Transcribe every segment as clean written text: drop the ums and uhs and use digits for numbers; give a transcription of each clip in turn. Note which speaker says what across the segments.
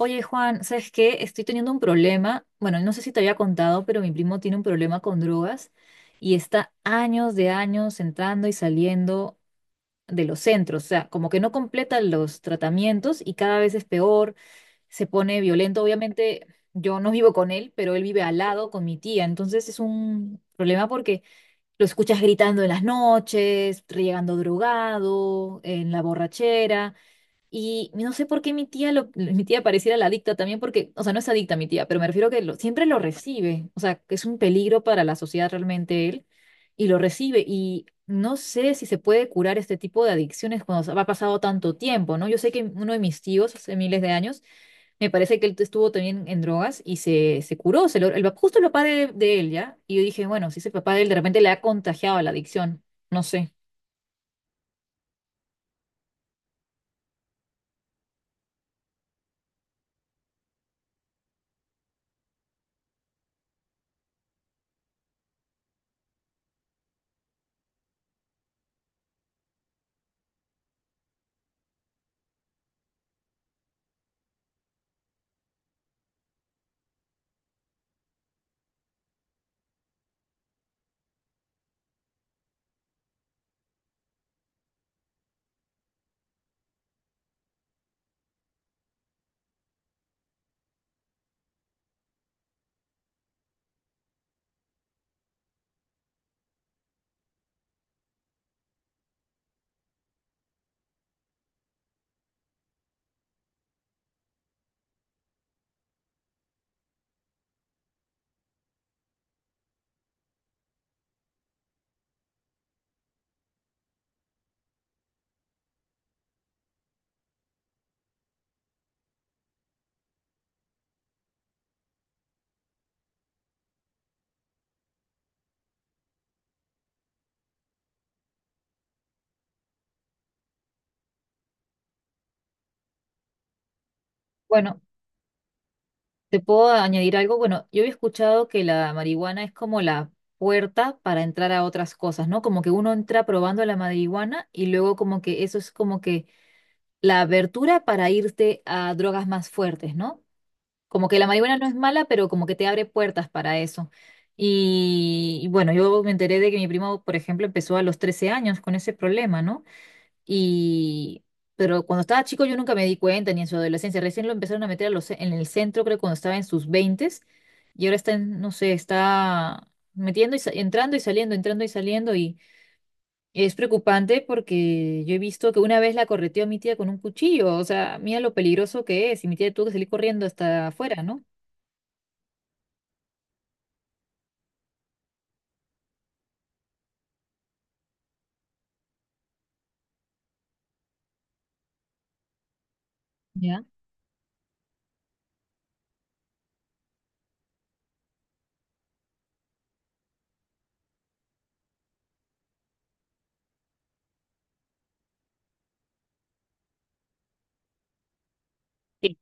Speaker 1: Oye, Juan, ¿sabes qué? Estoy teniendo un problema. Bueno, no sé si te había contado, pero mi primo tiene un problema con drogas y está años de años entrando y saliendo de los centros. O sea, como que no completa los tratamientos y cada vez es peor, se pone violento. Obviamente, yo no vivo con él, pero él vive al lado con mi tía. Entonces es un problema porque lo escuchas gritando en las noches, llegando drogado, en la borrachera. Y no sé por qué mi tía pareciera la adicta también, porque, o sea, no es adicta mi tía, pero me refiero que siempre lo recibe, o sea, que es un peligro para la sociedad realmente él, y lo recibe. Y no sé si se puede curar este tipo de adicciones cuando ha pasado tanto tiempo, ¿no? Yo sé que uno de mis tíos, hace miles de años, me parece que él estuvo también en drogas y se curó, se lo- el, pap- justo el papá de él, ¿ya? Y yo dije, bueno, si ese papá de él de repente le ha contagiado la adicción, no sé. Bueno. ¿Te puedo añadir algo? Bueno, yo había escuchado que la marihuana es como la puerta para entrar a otras cosas, ¿no? Como que uno entra probando la marihuana y luego como que eso es como que la abertura para irte a drogas más fuertes, ¿no? Como que la marihuana no es mala, pero como que te abre puertas para eso. Y bueno, yo me enteré de que mi primo, por ejemplo, empezó a los 13 años con ese problema, ¿no? Y, pero cuando estaba chico yo nunca me di cuenta, ni en su adolescencia. Recién lo empezaron a meter en el centro, creo, cuando estaba en sus veintes. Y ahora está, en, no sé, está metiendo y entrando y saliendo, entrando y saliendo. Y es preocupante porque yo he visto que una vez la correteó a mi tía con un cuchillo. O sea, mira lo peligroso que es. Y mi tía tuvo que salir corriendo hasta afuera, ¿no? ¿Ya? Sí.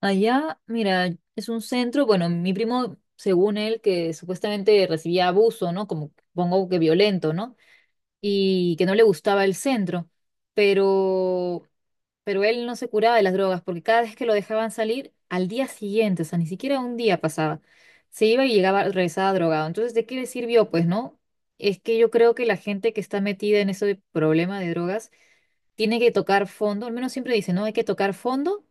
Speaker 1: Allá, mira, es un centro, bueno, mi primo, según él, que supuestamente recibía abuso, ¿no? Como pongo que violento, ¿no? Y que no le gustaba el centro, pero, pero él no se curaba de las drogas porque cada vez que lo dejaban salir, al día siguiente, o sea, ni siquiera un día pasaba, se iba y llegaba, regresaba drogado. Entonces, ¿de qué le sirvió? Pues no, es que yo creo que la gente que está metida en ese problema de drogas tiene que tocar fondo, al menos siempre dice, no, hay que tocar fondo.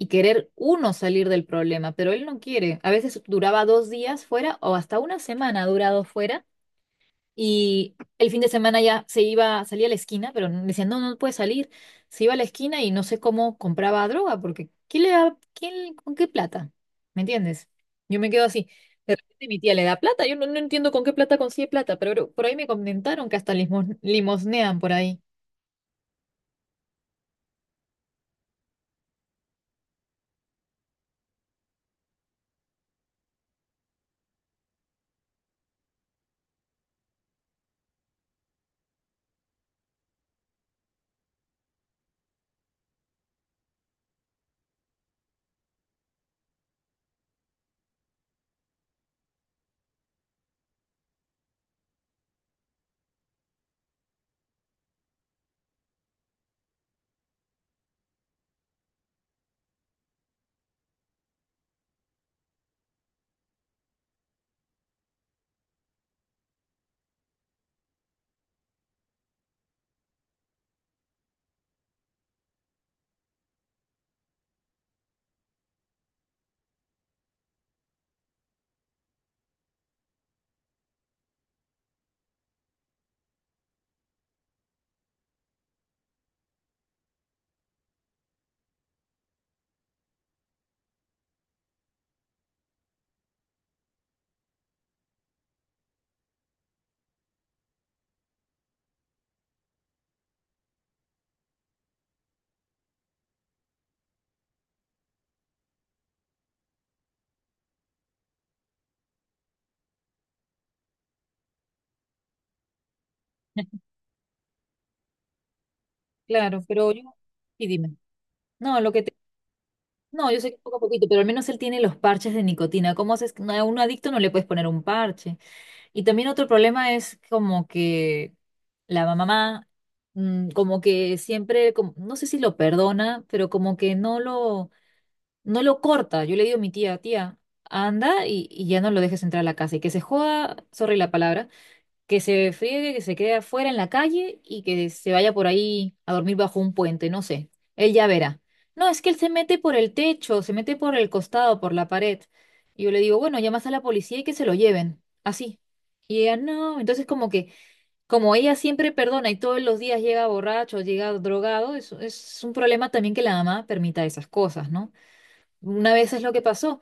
Speaker 1: Y querer uno salir del problema, pero él no quiere. A veces duraba 2 días fuera o hasta una semana ha durado fuera y el fin de semana ya se iba, salía a la esquina, pero me decían, no, no puede salir. Se iba a la esquina y no sé cómo compraba droga, porque ¿quién le da, quién, con qué plata? ¿Me entiendes? Yo me quedo así. De repente mi tía le da plata, yo no, no entiendo con qué plata consigue plata, pero por ahí me comentaron que hasta limosnean por ahí. Claro, pero yo, y dime. No, lo que te, no, yo sé que poco a poquito, pero al menos él tiene los parches de nicotina. ¿Cómo haces? Que a un adicto no le puedes poner un parche. Y también otro problema es como que la mamá, mm, como que siempre, como- no sé si lo perdona, pero como que no lo, no lo corta. Yo le digo a mi tía, tía, anda y ya no lo dejes entrar a la casa y que se joda, sorry la palabra, que se friegue, que se quede afuera en la calle y que se vaya por ahí a dormir bajo un puente, no sé. Él ya verá. No, es que él se mete por el techo, se mete por el costado, por la pared. Y yo le digo, bueno, llamas a la policía y que se lo lleven. Así. Y ella, no. Entonces, como que, como ella siempre perdona y todos los días llega borracho, llega drogado, es un problema también que la mamá permita esas cosas, ¿no? Una vez es lo que pasó,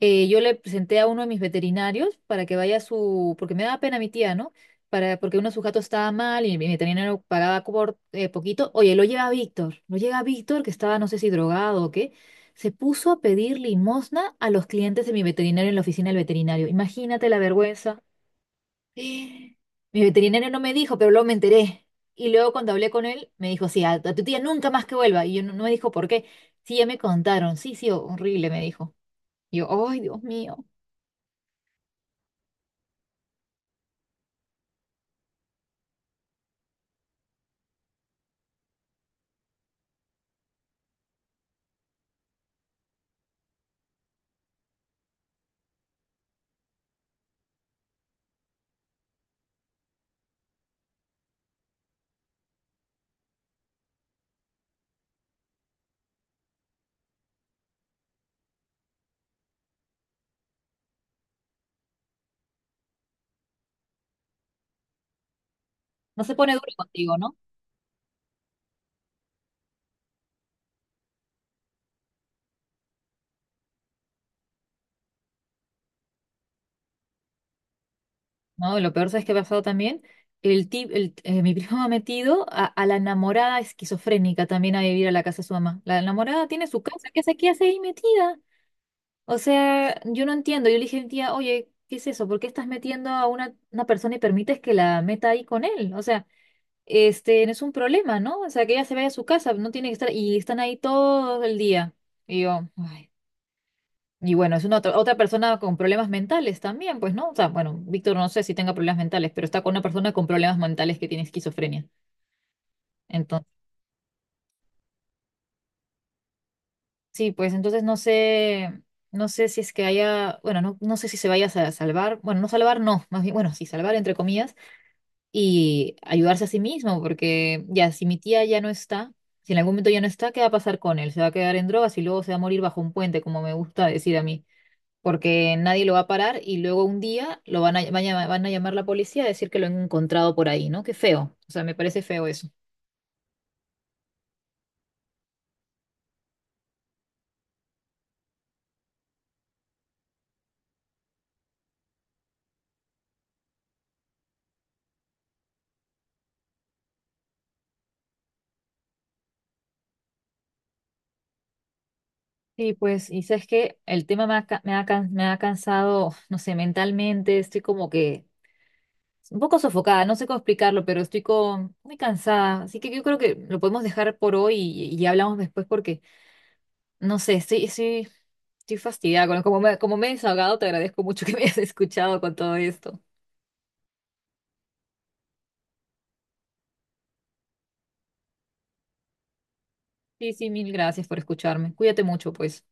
Speaker 1: yo le presenté a uno de mis veterinarios para que vaya a su, porque me daba pena mi tía, ¿no? Para, porque uno de sus gatos estaba mal y mi veterinario pagaba por, poquito. Oye, lo llega Víctor, que estaba no sé si drogado o qué, se puso a pedir limosna a los clientes de mi veterinario en la oficina del veterinario. Imagínate la vergüenza. Mi veterinario no me dijo, pero luego me enteré. Y luego cuando hablé con él, me dijo, sí, a tu tía nunca más que vuelva. Y yo no me dijo por qué. Sí, ya me contaron. Sí, sí, horrible, me dijo. Y yo, ay, Dios mío. No se pone duro contigo, ¿no? No, lo peor es que ha pasado también. Mi primo ha metido a la enamorada esquizofrénica también a vivir a la casa de su mamá. La enamorada tiene su casa, qué hace ahí metida? O sea, yo no entiendo. Yo le dije a mi tía, oye, ¿qué es eso? ¿Por qué estás metiendo a una persona y permites que la meta ahí con él? O sea, este, no es un problema, ¿no? O sea, que ella se vaya a su casa, no tiene que estar, y están ahí todo el día. Y yo, ay. Y bueno, es una otra persona con problemas mentales también, pues, ¿no? O sea, bueno, Víctor no sé si tenga problemas mentales, pero está con una persona con problemas mentales que tiene esquizofrenia. Entonces, sí, pues entonces no sé, no, sé si es que haya, bueno, no, no sé si se vaya a salvar, bueno, no salvar, no, más bien, bueno, sí, salvar entre comillas y ayudarse a sí mismo, porque ya, si mi tía ya no está, si en algún momento ya no está, ¿qué va a pasar con él? ¿Se va a quedar en drogas y luego se va a morir bajo un puente, como me gusta decir a mí? Porque nadie lo va a parar y luego un día lo van a llamar la policía a decir que lo han encontrado por ahí, ¿no? Qué feo, o sea, me parece feo eso. Sí, pues, y sabes que el tema me ha cansado, no sé, mentalmente, estoy como que un poco sofocada, no sé cómo explicarlo, pero estoy muy cansada, así que yo creo que lo podemos dejar por hoy y hablamos después porque, no sé, estoy fastidiada, como me he desahogado, te agradezco mucho que me hayas escuchado con todo esto. Sí, sí, mil gracias por escucharme, cuídate mucho, pues.